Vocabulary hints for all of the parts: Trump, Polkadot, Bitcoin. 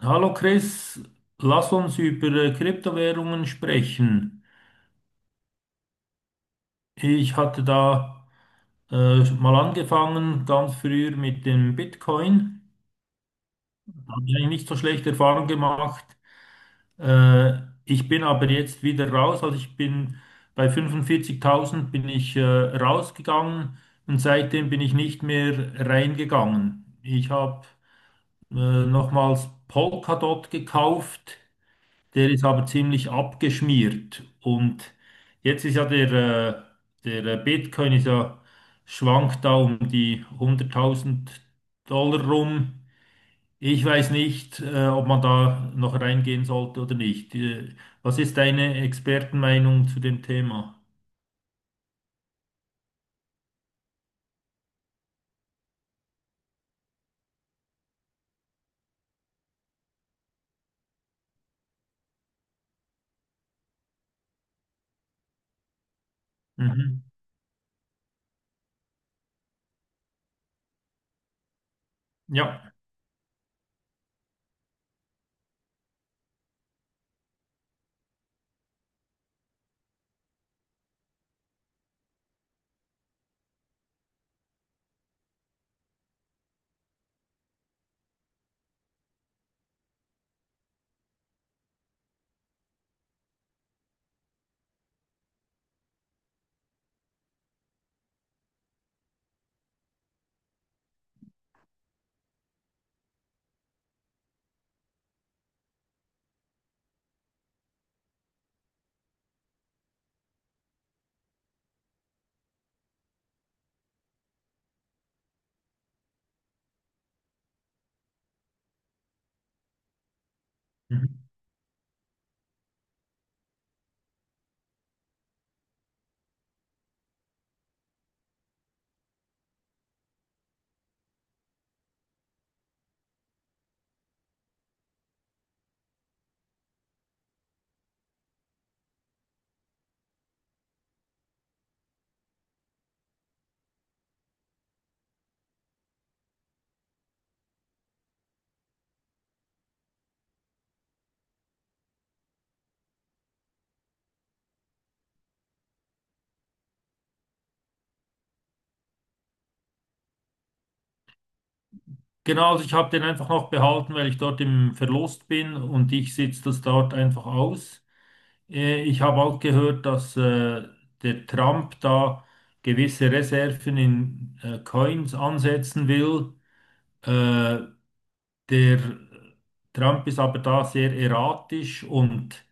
Hallo Chris, lass uns über Kryptowährungen sprechen. Ich hatte da mal angefangen, ganz früher mit dem Bitcoin. Habe ich eigentlich nicht so schlechte Erfahrungen gemacht. Äh, Ich bin aber jetzt wieder raus. Also ich bin bei 45.000 bin ich rausgegangen und seitdem bin ich nicht mehr reingegangen. Ich habe äh, nochmals Polkadot gekauft. Der ist aber ziemlich abgeschmiert. Und jetzt ist ja der Bitcoin ist ja, schwankt da um die 100.000 Dollar rum. Ich weiß nicht, ob man da noch reingehen sollte oder nicht. Was ist deine Expertenmeinung zu dem Thema? Mhm. Ja. Mhm. Genau, also ich habe den einfach noch behalten, weil ich dort im Verlust bin und ich sitze das dort einfach aus. Ich habe auch gehört, dass der Trump da gewisse Reserven in Coins ansetzen will. Äh, Der Trump ist aber da sehr erratisch und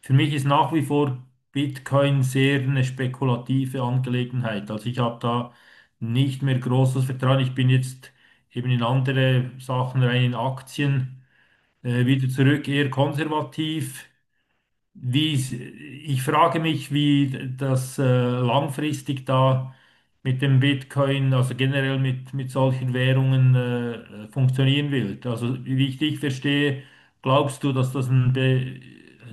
für mich ist nach wie vor Bitcoin sehr eine spekulative Angelegenheit. Also ich habe da nicht mehr großes Vertrauen. Ich bin jetzt eben in andere Sachen rein, in Aktien, wieder zurück, eher konservativ. Ich frage mich, wie das langfristig da mit dem Bitcoin, also generell mit solchen Währungen funktionieren wird. Also wie ich dich verstehe, glaubst du, dass das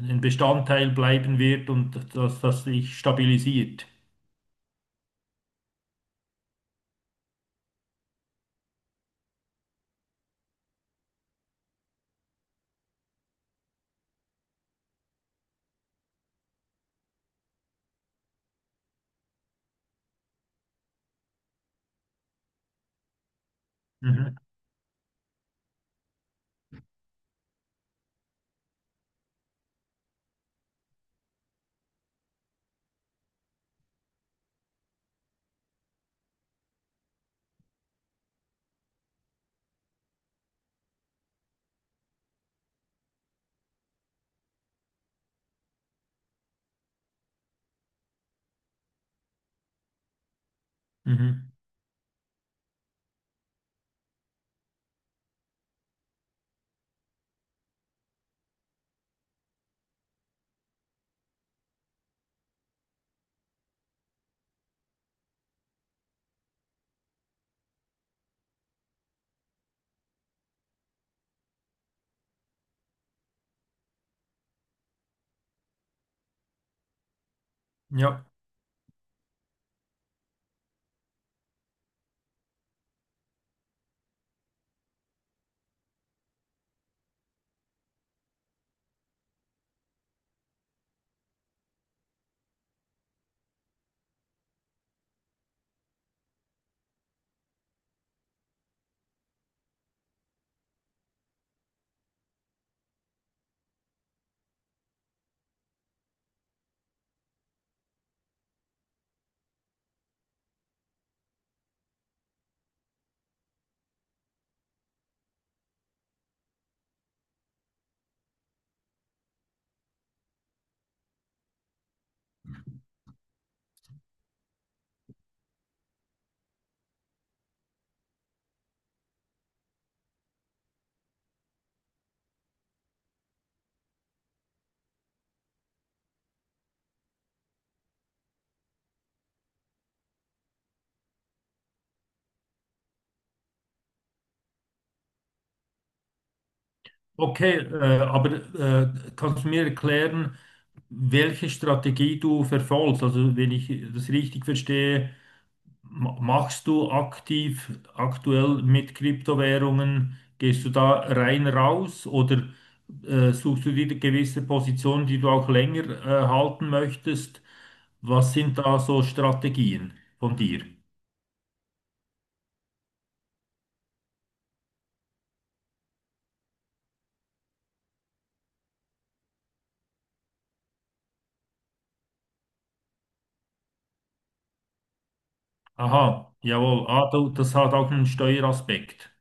ein Bestandteil bleiben wird und dass das sich stabilisiert? Mhm. Mhm. Ja, okay, aber kannst du mir erklären, welche Strategie du verfolgst? Also wenn ich das richtig verstehe, machst du aktiv aktuell mit Kryptowährungen? Gehst du da rein raus oder suchst du dir gewisse Positionen, die du auch länger halten möchtest? Was sind da so Strategien von dir? Aha, jawohl. Ah, du, das hat auch einen Steueraspekt.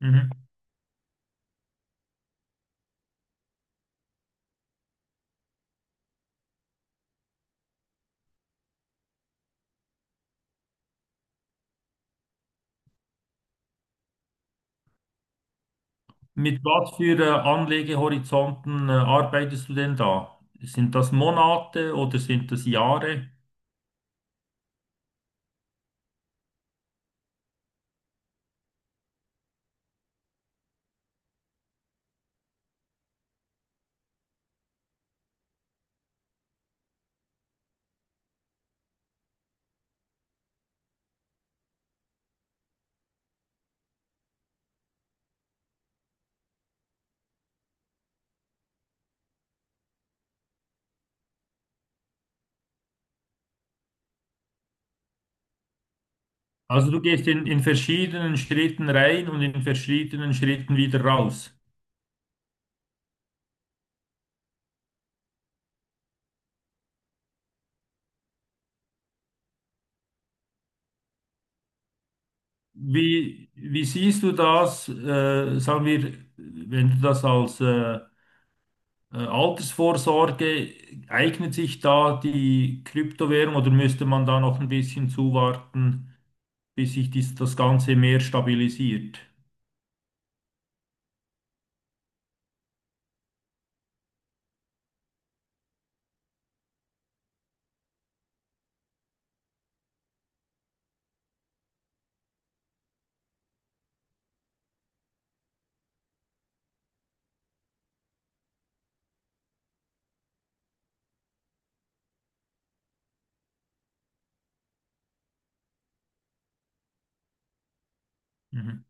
Mhm. Mit was für Anlegehorizonten arbeitest du denn da? Sind das Monate oder sind das Jahre? Also du gehst in verschiedenen Schritten rein und in verschiedenen Schritten wieder raus. Wie, wie siehst du das, sagen wir, wenn du das als Altersvorsorge, eignet sich da die Kryptowährung oder müsste man da noch ein bisschen zuwarten, bis sich das Ganze mehr stabilisiert? Mhm.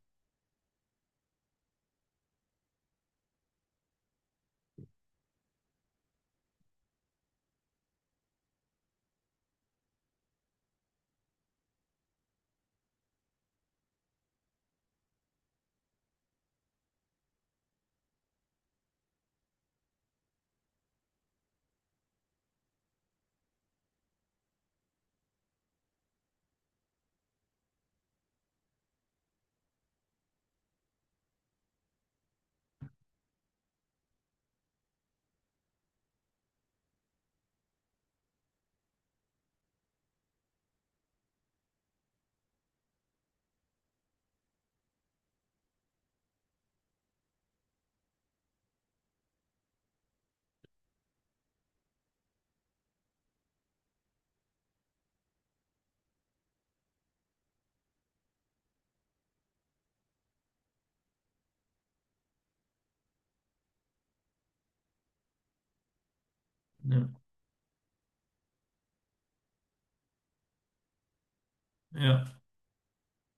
Ja. Ja.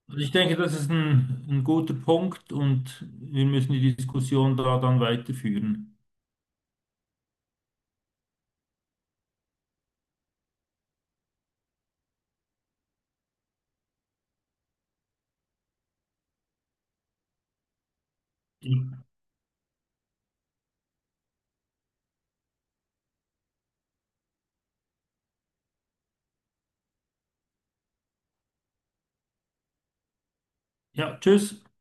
Also ich denke, das ist ein guter Punkt und wir müssen die Diskussion da dann weiterführen. Ja, tschüss.